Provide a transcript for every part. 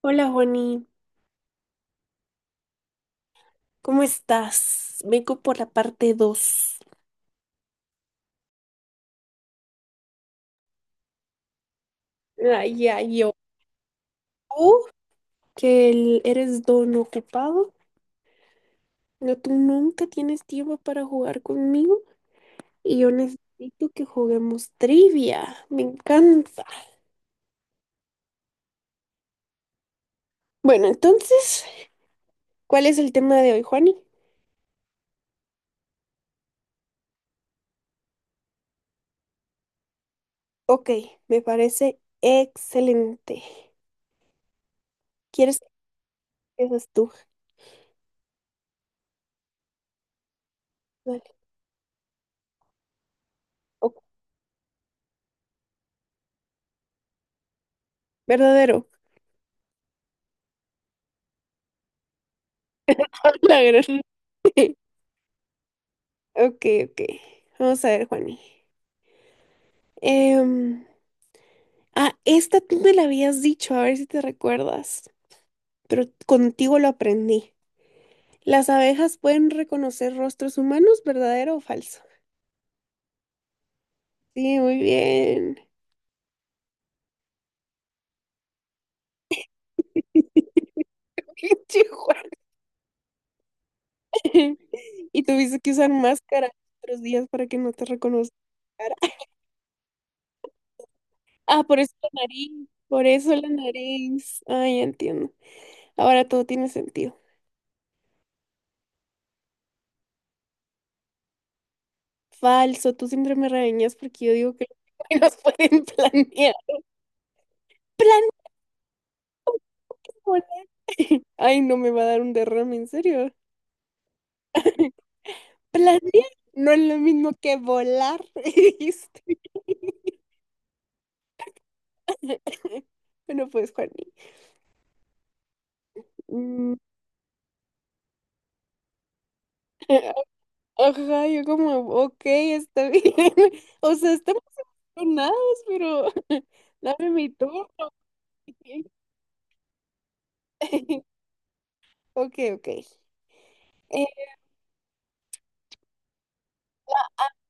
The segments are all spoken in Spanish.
Hola, Juani, ¿cómo estás? Vengo por la parte 2. Ay, ay, yo. Tú, que eres don ocupado, no, tú nunca tienes tiempo para jugar conmigo y yo necesito que juguemos trivia. Me encanta. Bueno, entonces, ¿cuál es el tema de hoy, Juani? Ok, me parece excelente. ¿Quieres que empieces tú? Dale. Ok. Verdadero. La gran- Ok, ok. Vamos a ver, Juani. Em, ah, esta tú me la habías dicho, a ver si te recuerdas, pero contigo lo aprendí. Las abejas pueden reconocer rostros humanos, ¿verdadero o falso? Sí, muy bien. Chihuahua. Y tuviste que usar máscara otros días para que no te reconozcan. La cara. Ah, por eso la nariz, por eso la nariz. Ay, ya entiendo. Ahora todo tiene sentido. Falso, tú siempre me regañas porque yo digo que los pueden planear. Plan Ay, no me va a dar un derrame, en serio. Planear no es lo mismo que volar, dijiste. Bueno, pues, Juani. Mm. Ajá, yo como, ok, está bien. O sea, estamos emocionados, pero dame mi turno. Ok, ok.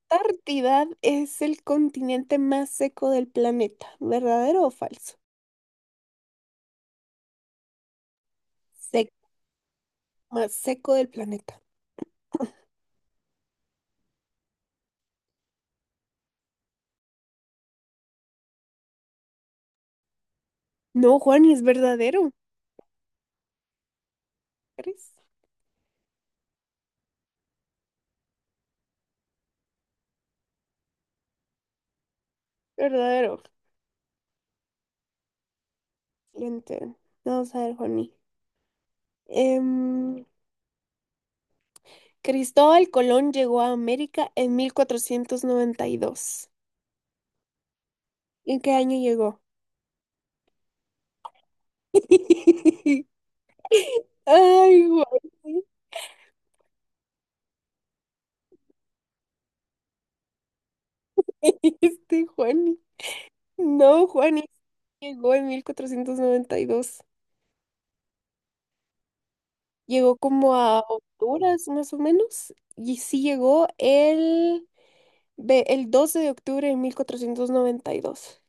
Antártida es el continente más seco del planeta. ¿Verdadero o falso? Sec- más seco del planeta. No, Juan, es verdadero. ¿Crees? Verdadero. Siguiente. Vamos a ver, Juaní. Em, Cristóbal Colón llegó a América en 1492. ¿En qué año llegó? Ay, Juani. Este Juani. No, Juani llegó en 1492. Llegó como a Honduras, más o menos. Y sí llegó el 12 de octubre de 1492.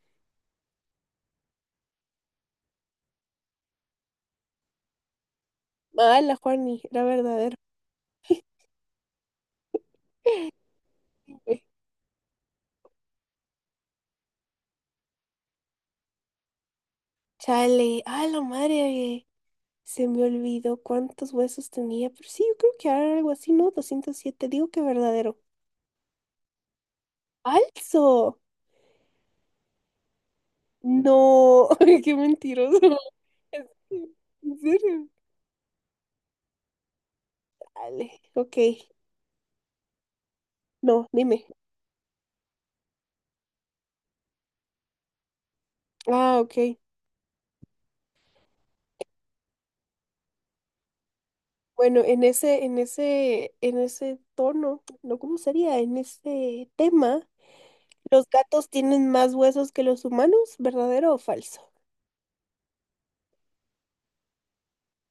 Mala, Juani. Era verdadero. Chale, ay, la madre, se me olvidó cuántos huesos tenía, pero sí, yo creo que era algo así, ¿no? 207. Digo que verdadero. ¡Falso! No, qué mentiroso. ¿En serio? Dale, ok. No, dime. Ah, ok. Bueno, en ese tono, no, ¿cómo sería? En ese tema, ¿los gatos tienen más huesos que los humanos? ¿Verdadero o falso?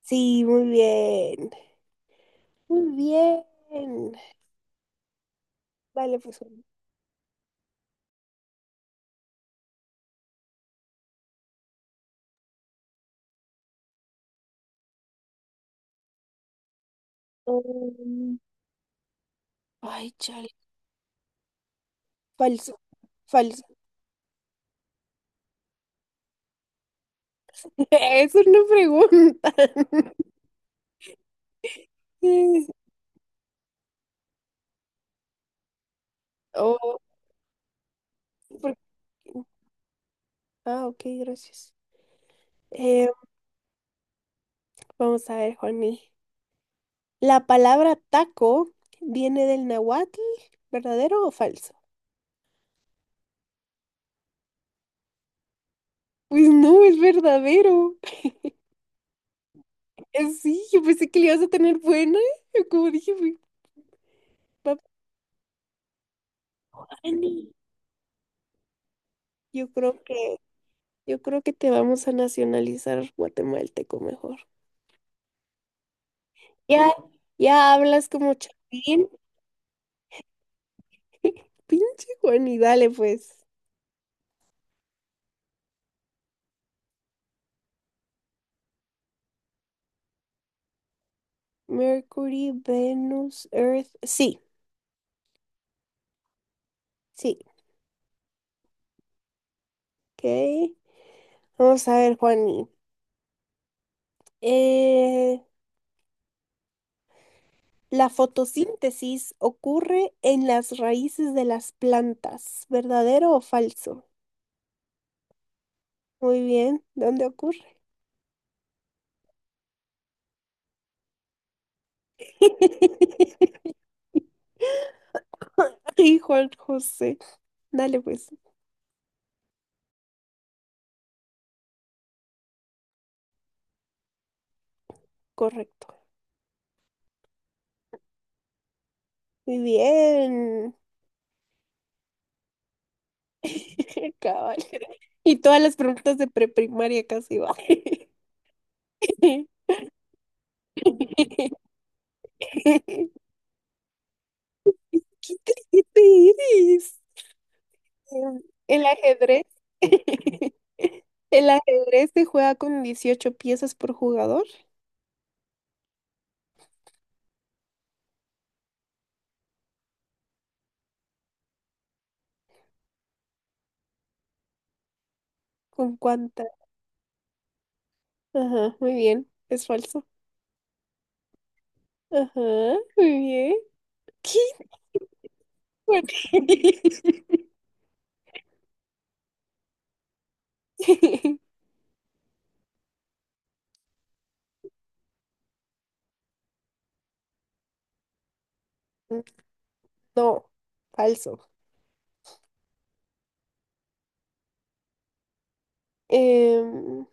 Sí, muy bien. Muy bien. Dale, pues. um, ay, chale. Falso. Falso. Eso es una pregunta. Eh, Oh, ¿por Ah, ok, gracias. Eh, vamos a ver, Juani. La palabra taco viene del nahuatl, ¿verdadero o falso? Pues no, es verdadero. Sí, yo pensé que le ibas a tener buena. Yo Como dije, "Uy, papá, Ani". Yo creo que, yo creo que te vamos a nacionalizar guatemalteco mejor. Ya, ya hablas como Chapín. Pinche Juan, y dale pues. Mercury, Venus, Earth. Sí, sí. Ok. Vamos a ver, Juani. Eh, la fotosíntesis ocurre en las raíces de las plantas. ¿Verdadero o falso? Muy bien. ¿Dónde ocurre? Ay, Juan José. Dale pues. Correcto. Muy bien. Cabal. Y todas las preguntas de preprimaria casi va. ¿Qué inteligente eres? Em, El ajedrez. El ajedrez se juega con 18 piezas por jugador. ¿Con cuántas? Ajá, muy bien. Es falso. Ajá, muy bien. ¿Qué? ¿Por qué? No, falso. Em,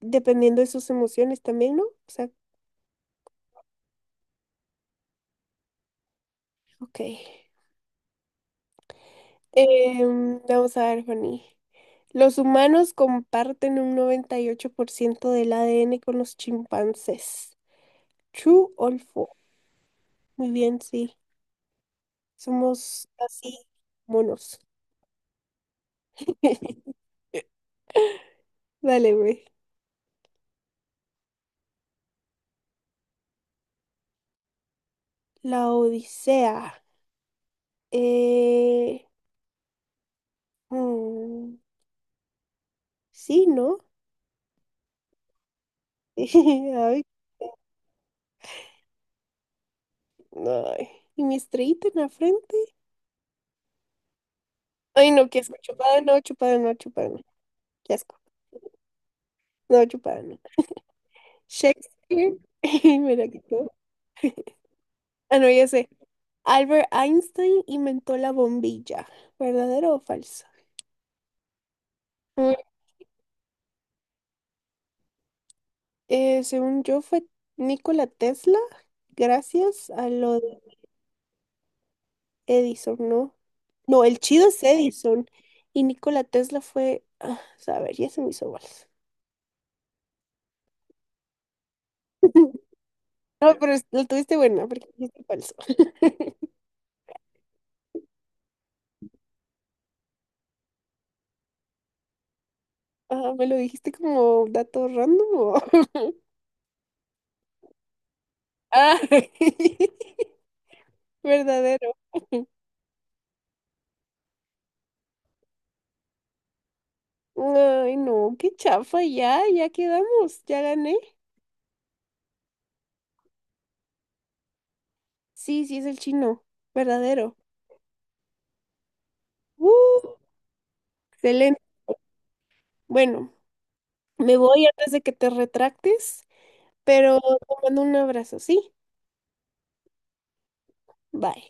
dependiendo de sus emociones también, ¿no? O sea, ok. Vamos a ver, Fanny. Los humanos comparten un 98% del ADN con los chimpancés. True or false. Muy bien, sí. Somos así monos. Dale, güey. La Odisea. Eh, mm, sí, ¿no? Ay, ay. ¿Y mi estrellita en la frente? Ay, no, qué asco. Chupada, no, chupada, no, chupada, no. Qué asco. No, chupada, no. Shakespeare. Mira que todo. Ah, no, ya sé. Albert Einstein inventó la bombilla. ¿Verdadero o falso? Mm, según yo fue Nikola Tesla, gracias a lo de Edison, ¿no? No, el chido es Edison. Y Nikola Tesla fue, ah, a ver, ya se me hizo bolas. No, pero lo tuviste buena porque dijiste falso. Ah, ¿me lo dijiste como dato random o? Ah, verdadero. Ay, no, qué chafa, ya, ya quedamos, ya gané. Sí, sí es el chino, verdadero. ¡Uh! Excelente. Bueno, me voy antes de que te retractes, pero te mando un abrazo, ¿sí? Bye.